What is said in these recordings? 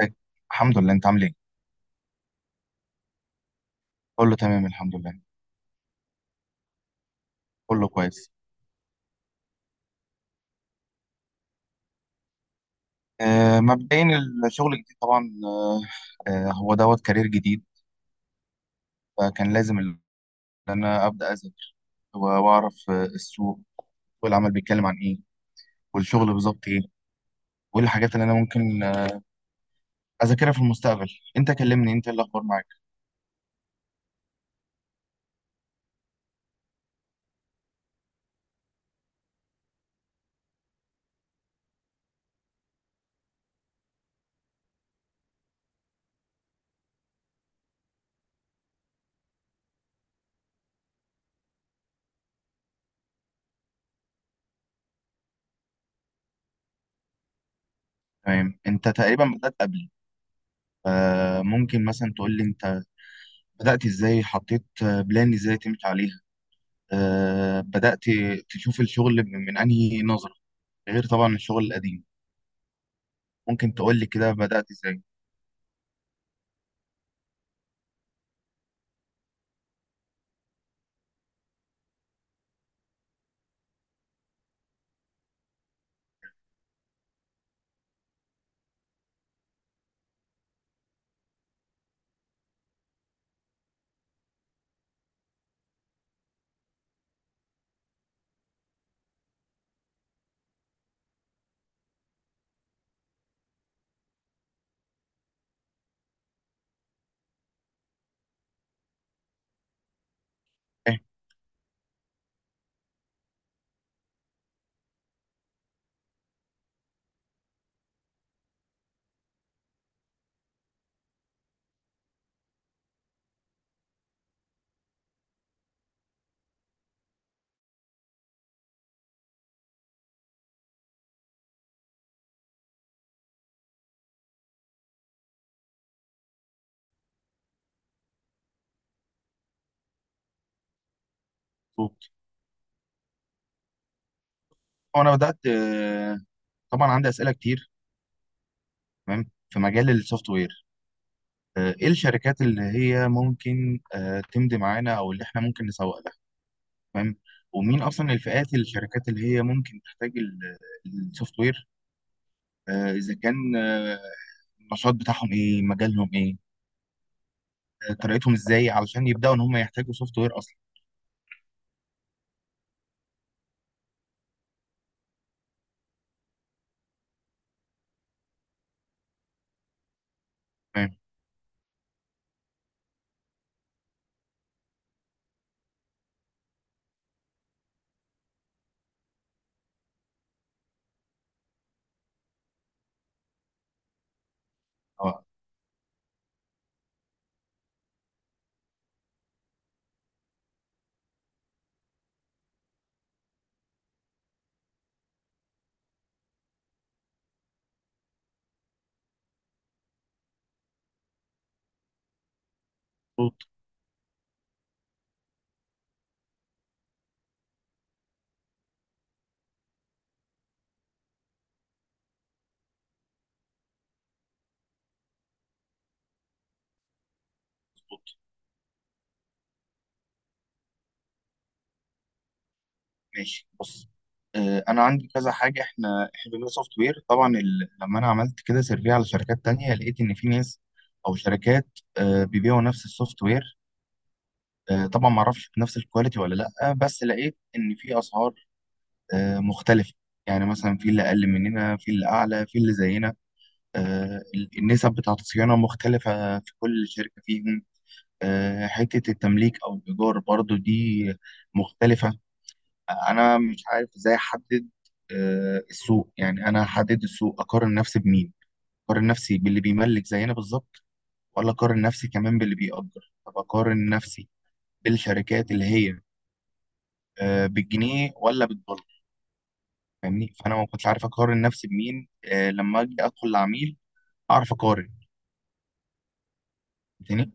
ازيك؟ الحمد لله، انت عامل ايه؟ كله تمام الحمد لله. كله كويس. آه مبدئيا الشغل الجديد طبعا، آه هو دوت كارير جديد، فكان لازم ان انا ابدا اذاكر واعرف السوق والعمل بيتكلم عن ايه، والشغل بالظبط ايه، وايه الحاجات اللي انا ممكن اذاكرها في المستقبل. انت كلمني، انت ايه الاخبار معاك؟ تمام، انت تقريبا بدات قبلي. آه ممكن مثلا تقول لي انت بدات ازاي، حطيت بلان ازاي تمشي عليها، آه بدات تشوف الشغل من انهي نظره غير طبعا الشغل القديم. ممكن تقول لي كده بدأت ازاي؟ ايه. بالظبط. وانا بدأت طبعا عندي أسئلة كتير، تمام، في مجال السوفت وير. ايه الشركات اللي هي ممكن تمضي معانا او اللي احنا ممكن نسوق لها؟ تمام. ومين اصلا الفئات الشركات اللي هي ممكن تحتاج السوفت وير؟ اذا كان النشاط بتاعهم ايه، مجالهم ايه، طريقتهم ازاي علشان يبدأوا ان هم يحتاجوا سوفت وير اصلا. تمام. اه. مظبوط. ماشي بص، انا عندي كذا حاجه. احنا بنقول سوفت وير طبعا ال... لما انا عملت كده سيرفي على شركات تانية، لقيت ان في ناس او شركات بيبيعوا نفس السوفت وير. طبعا ما اعرفش بنفس الكواليتي ولا لا، بس لقيت ان في اسعار مختلفه. يعني مثلا في اللي اقل مننا، في اللي اعلى، في اللي زينا. النسب بتاعت الصيانه مختلفه في كل شركه فيهم. حته التمليك او الايجار برضو دي مختلفه. انا مش عارف ازاي احدد السوق. يعني انا احدد السوق اقارن نفسي بمين؟ اقارن نفسي باللي بيملك زينا بالظبط، ولا اقارن نفسي كمان باللي بيأجر؟ طب اقارن نفسي بالشركات اللي هي بالجنيه ولا بالدولار؟ فاهمني؟ فانا ما كنتش عارف اقارن نفسي بمين لما اجي ادخل لعميل اعرف اقارن تاني.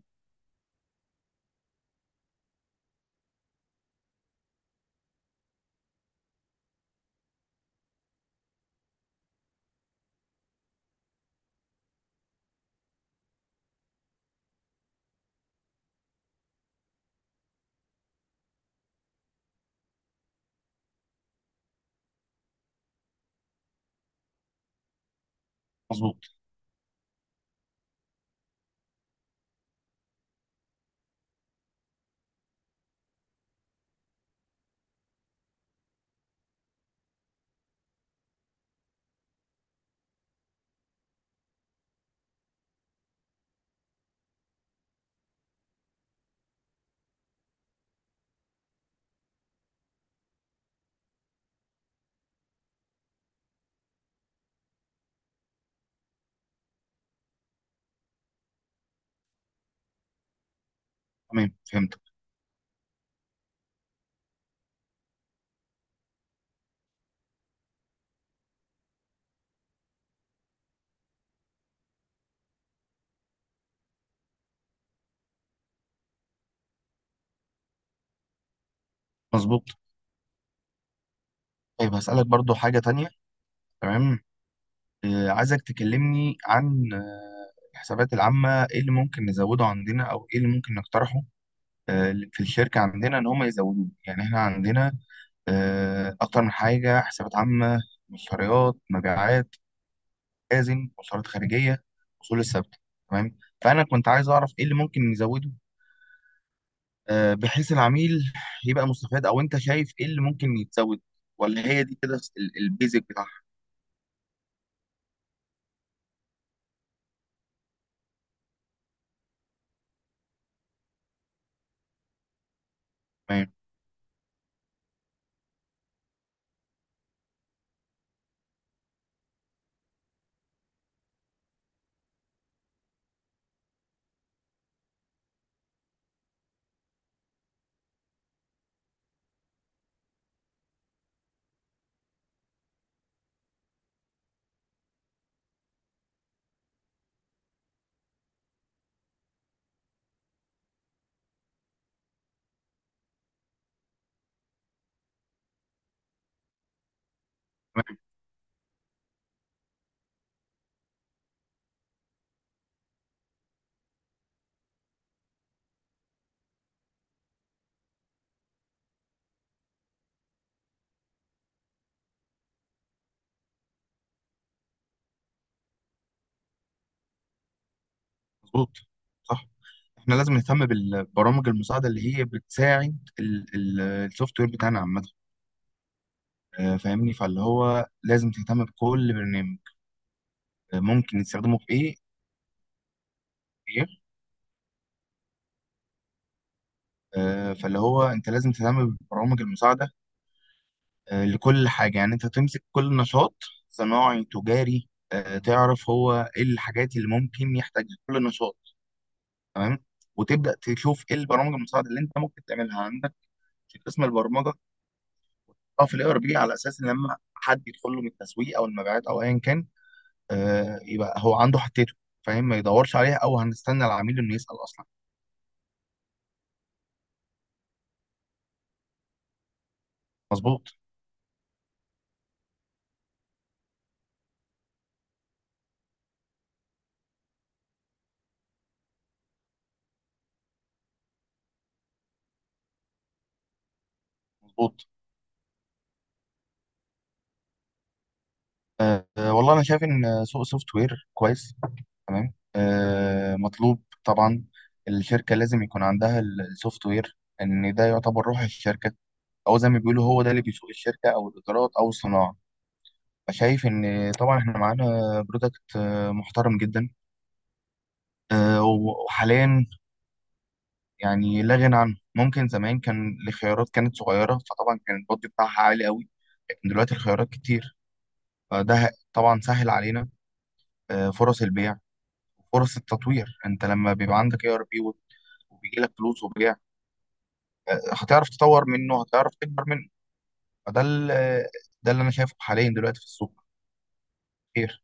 مظبوط. تمام فهمت. مظبوط. طيب هسألك برضو حاجة تانية، تمام. عايزك تكلمني عن الحسابات العامة، ايه اللي ممكن نزوده عندنا او ايه اللي ممكن نقترحه في الشركة عندنا ان هم يزودوه. يعني احنا عندنا اكتر من حاجة، حسابات عامة، مشتريات، مبيعات، لازم مصاريف خارجية، اصول الثابتة. تمام. فانا كنت عايز اعرف ايه اللي ممكن نزوده بحيث العميل يبقى مستفاد، او انت شايف ايه اللي ممكن يتزود، ولا هي دي كده البيزك بتاعها؟ تمام. مظبوط. صح. احنا لازم نهتم بالبرامج المساعده اللي هي بتساعد السوفت وير بتاعنا عامه. فاهمني؟ فاللي هو لازم تهتم بكل برنامج ممكن نستخدمه في ايه. إيه. فاللي هو انت لازم تهتم بالبرامج المساعده لكل حاجه. يعني انت تمسك كل نشاط صناعي تجاري، تعرف هو ايه الحاجات اللي ممكن يحتاجها كل نشاط. تمام. وتبدا تشوف ايه البرامج المساعده اللي انت ممكن تعملها عندك في قسم البرمجه. اه في الاي ار بي، على اساس ان لما حد يدخل له من التسويق او المبيعات او ايا كان، آه يبقى هو عنده حتته فاهم، ما يدورش عليها، او هنستنى العميل انه يسال اصلا. مظبوط. مظبوط. والله انا شايف ان سوق سوفت وير كويس، تمام، آه مطلوب طبعا. الشركه لازم يكون عندها السوفت وير، ان ده يعتبر روح الشركه، او زي ما بيقولوا هو ده اللي بيسوق الشركه او الادارات او الصناعه. فشايف ان طبعا احنا معانا برودكت محترم جدا، وحاليا يعني لا غنى عنه. ممكن زمان كان الخيارات كانت صغيرة فطبعا كان البادجت بتاعها عالي قوي، لكن دلوقتي الخيارات كتير. فده طبعا سهل علينا فرص البيع وفرص التطوير. انت لما بيبقى عندك اي ار بي وبيجي لك فلوس وبيع، هتعرف تطور منه، هتعرف تكبر منه. فده ال- آه، ده اللي انا شايفه حاليا دلوقتي في السوق. خير.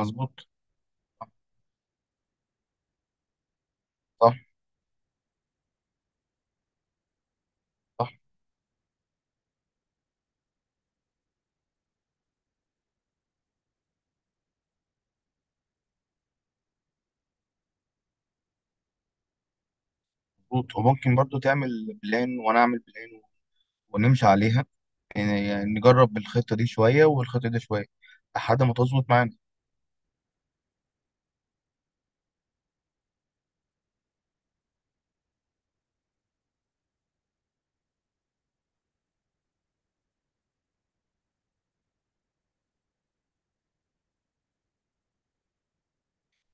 مظبوط. صح. صح. مظبوط. وممكن برضو تعمل بلان وانا اعمل بلان ونمشي عليها. يعني نجرب الخطة دي شوية والخطة دي شوية لحد ما تظبط معانا.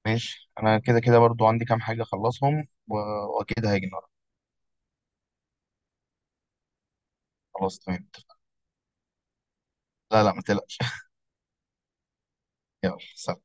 ماشي، انا كده كده برضو عندي كام حاجة اخلصهم واكيد هاجي النهارده. خلاص تمام اتفقنا. لا لا ما تقلقش يلا سلام.